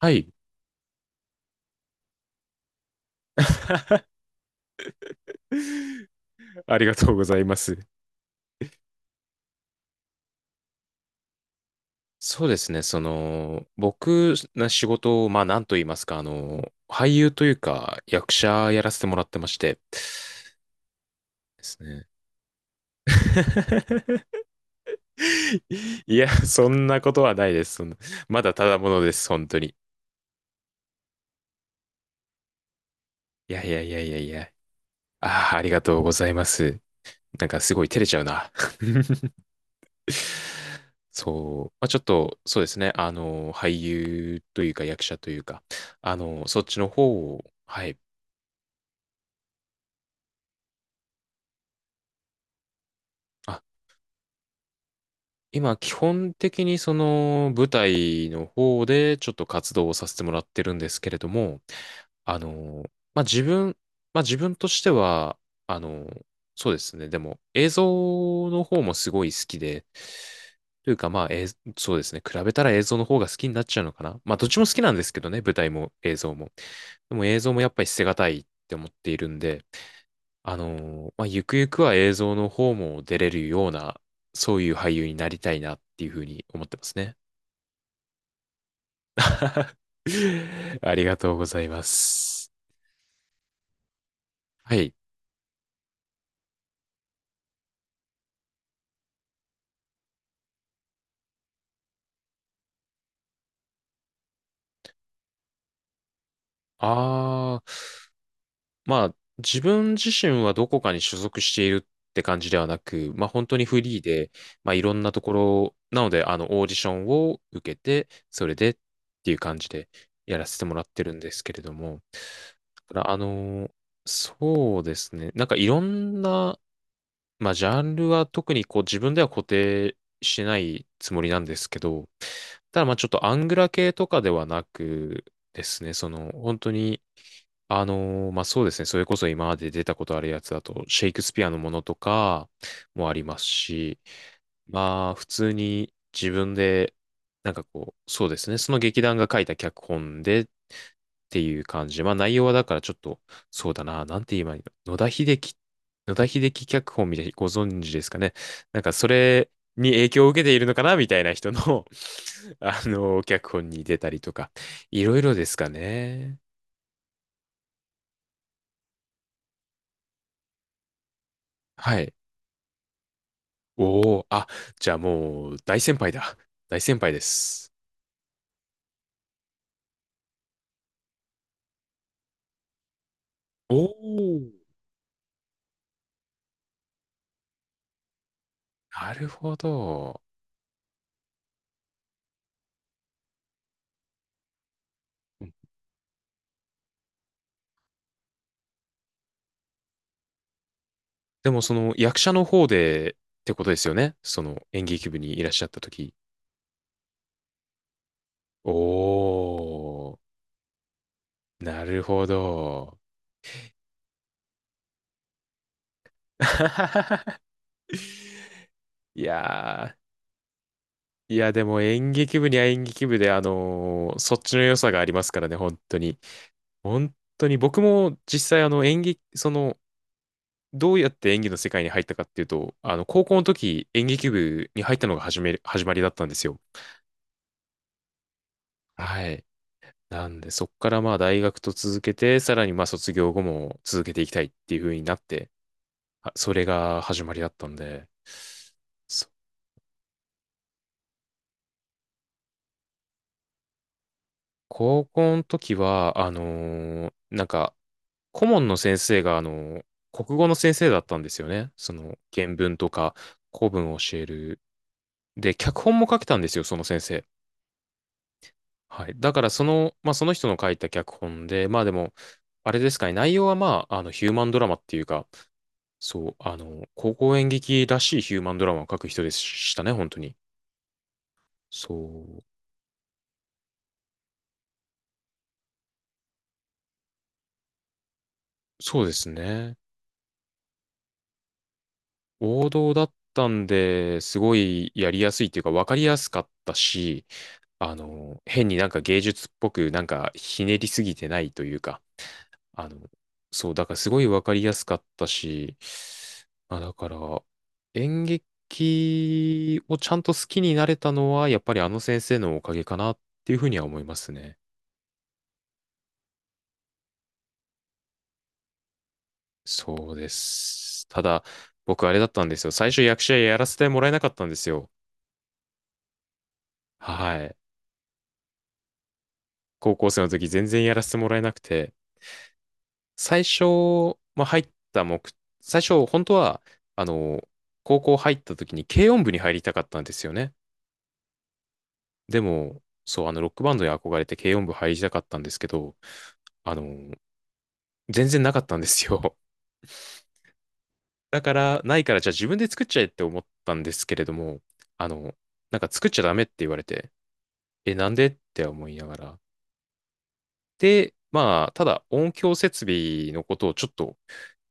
はい。ありがとうございます。そうですね。僕の仕事を、まあ、なんと言いますか、俳優というか、役者やらせてもらってまして、ですね。いや、そんなことはないです。そんなまだただものです、本当に。いやいやいやいやいや。ああ、ありがとうございます。なんかすごい照れちゃうな。そう。まあ、ちょっと、そうですね。俳優というか役者というか、そっちの方を、はい。あ今、基本的にその舞台の方でちょっと活動をさせてもらってるんですけれども、あの、まあ、自分、まあ、自分としては、あの、そうですね。でも、映像の方もすごい好きで、というか、まあ、そうですね。比べたら映像の方が好きになっちゃうのかな。まあ、どっちも好きなんですけどね、舞台も映像も。でも映像もやっぱり捨てがたいって思っているんで、まあ、ゆくゆくは映像の方も出れるような、そういう俳優になりたいなっていうふうに思ってますね。ありがとうございます。はい。あー、まあ、自分自身はどこかに所属しているって感じではなく、まあ本当にフリーで、まあいろんなところ、なので、あの、オーディションを受けて、それでっていう感じでやらせてもらってるんですけれども、だからあのーそうですね。なんかいろんなまあ、ジャンルは特にこう自分では固定しないつもりなんですけど、ただまあちょっとアングラ系とかではなくですね、その本当に、まあそうですね、それこそ今まで出たことあるやつだと、シェイクスピアのものとかもありますし、まあ普通に自分で、なんかこう、そうですね、その劇団が書いた脚本でっていう感じで。まあ内容はだからちょっと、そうだな、なんて言えばいいの。野田秀樹脚本みたいにご存知ですかね。なんかそれに影響を受けているのかなみたいな人の あの、脚本に出たりとか、いろいろですかね。はい。おお、あ、じゃあもう大先輩だ。大先輩です。おお、なるほど。うん、でもその役者の方でってことですよね。その演劇部にいらっしゃった時。おお。なるほど。いやー、いや、でも演劇部には演劇部で、そっちの良さがありますからね、本当に。本当に、僕も実際、あの、演劇、その、どうやって演技の世界に入ったかっていうと、あの、高校の時、演劇部に入ったのが始める、始まりだったんですよ。はい。なんで、そっからまあ、大学と続けて、さらにまあ、卒業後も続けていきたいっていう風になって、あそれが始まりだったんで、そ高校の時は、なんか、顧問の先生が、ー国語の先生だったんですよね。その、原文とか、古文を教える。で、脚本も書けたんですよ、その先生。はい。だから、その、まあ、その人の書いた脚本で、まあでも、あれですかね、内容はまあ、あの、ヒューマンドラマっていうか、そう、あの、高校演劇らしいヒューマンドラマを書く人でしたね、本当に。そう、そうですね。王道だったんで、すごいやりやすいっていうか分かりやすかったし、あの、変になんか芸術っぽくなんかひねりすぎてないというか、あの、そう、だからすごい分かりやすかったし、まあだから、演劇をちゃんと好きになれたのは、やっぱりあの先生のおかげかなっていうふうには思いますね。そうです。ただ、僕あれだったんですよ。最初役者やらせてもらえなかったんですよ。はい。高校生の時全然やらせてもらえなくて、最初、まあ、入った目、最初、本当は、あの、高校入った時に軽音部に入りたかったんですよね。でも、そう、あの、ロックバンドに憧れて軽音部入りたかったんですけど、あの、全然なかったんですよ。だから、ないから、じゃあ自分で作っちゃえって思ったんですけれども、あの、なんか作っちゃダメって言われて、え、なんでって思いながら、で、まあ、ただ音響設備のことをちょっと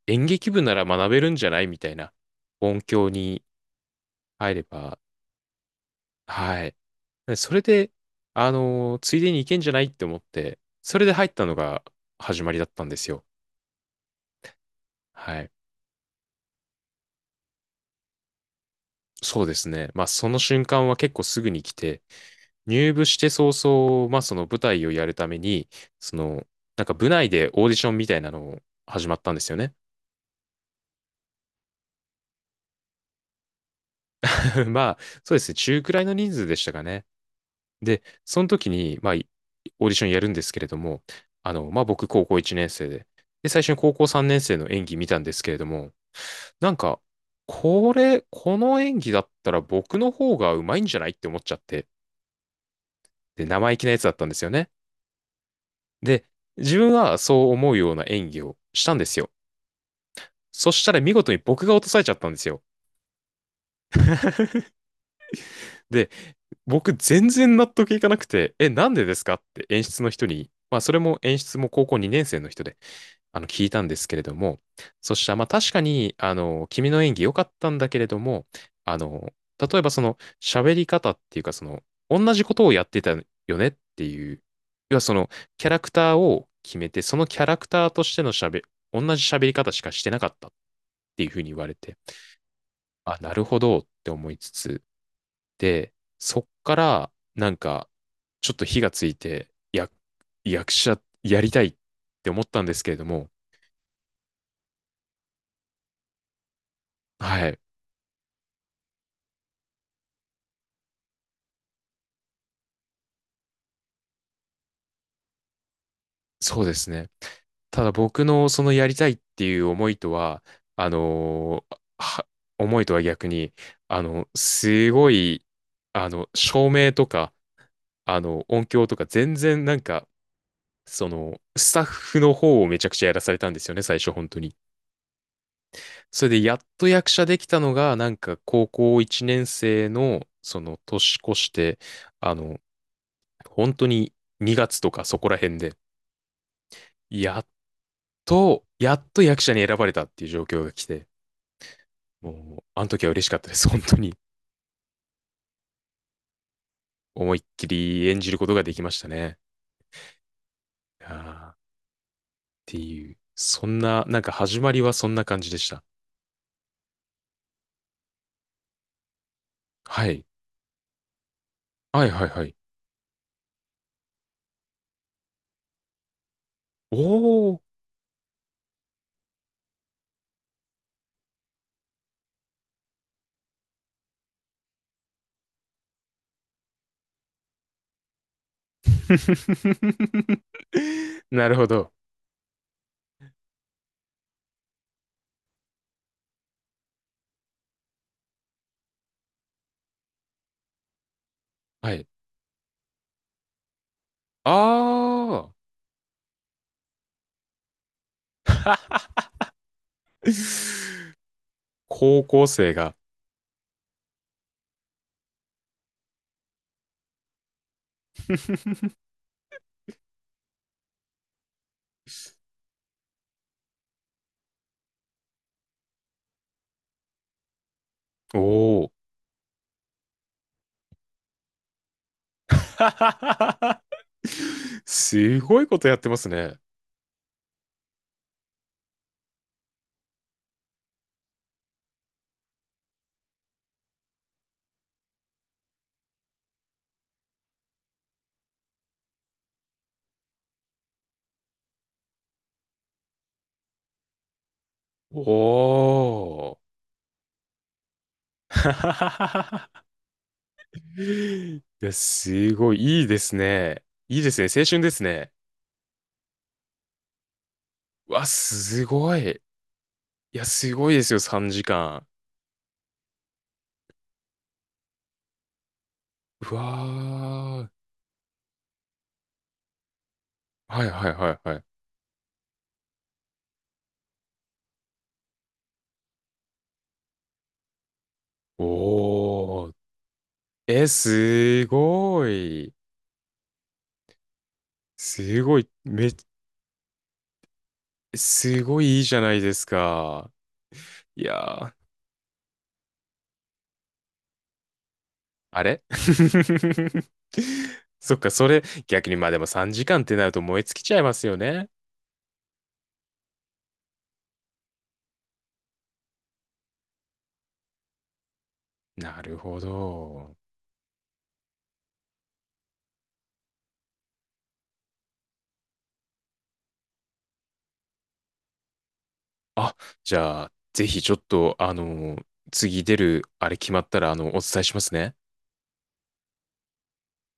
演劇部なら学べるんじゃないみたいな音響に入れば、はい。それで、ついでに行けんじゃないって思って、それで入ったのが始まりだったんですよ。はい。そうですね。まあ、その瞬間は結構すぐに来て、入部して早々、まあ、その舞台をやるために、その、なんか部内でオーディションみたいなのを始まったんですよね。まあ、そうですね。中くらいの人数でしたかね。で、その時に、まあ、オーディションやるんですけれども、あの、まあ、僕、高校1年生で、で、最初に高校3年生の演技見たんですけれども、なんか、これ、この演技だったら僕の方がうまいんじゃないって思っちゃって、で、生意気なやつだったんですよね。で、自分はそう思うような演技をしたんですよ。そしたら見事に僕が落とされちゃったんですよ。で、僕全然納得いかなくて、え、なんでですかって演出の人に、まあそれも演出も高校2年生の人で聞いたんですけれども、そしたら、まあ確かに、あの、君の演技良かったんだけれども、あの、例えばその、喋り方っていうか、同じことをやってたよねっていう、要はその、キャラクターを決めて、そのキャラクターとしての喋、同じ喋り方しかしてなかったっていうふうに言われて、あ、なるほどって思いつつ、で、そっから、なんか、ちょっと火がついて、役者やりたいって思ったんですけれども、はい。そうですね。ただ僕のそのやりたいっていう思いとは、あのーは思いとは逆に、あの、すごい、あの、照明とか、あの、音響とか、全然なんか、その、スタッフの方をめちゃくちゃやらされたんですよね、最初、本当に。それで、やっと役者できたのが、なんか、高校1年生の、その、年越して、あの、本当に2月とかそこら辺で、やっやっと役者に選ばれたっていう状況が来て、もう、あの時は嬉しかったです。本当に。思いっきり演じることができましたね。あーっていう。そんな、なんか始まりはそんな感じでした。はい。はいはいはい。おー。なるほど。はい。あー。高校生が。おー。すごいことやってますね。おー。いや、すごい、いいですね。いいですね。青春ですね。うわ、すごい。いや、すごいですよ、3時間。うわー。はいはいはいはい。おー。え、すごい。すごい、め、すごいいいじゃないですか。いやー、あれ そっか、それ、逆に、まあでも3時間ってなると燃え尽きちゃいますよね。なるほど。あ、じゃあ、ぜひちょっと、あの、次出る、あれ決まったら、あの、お伝えしますね。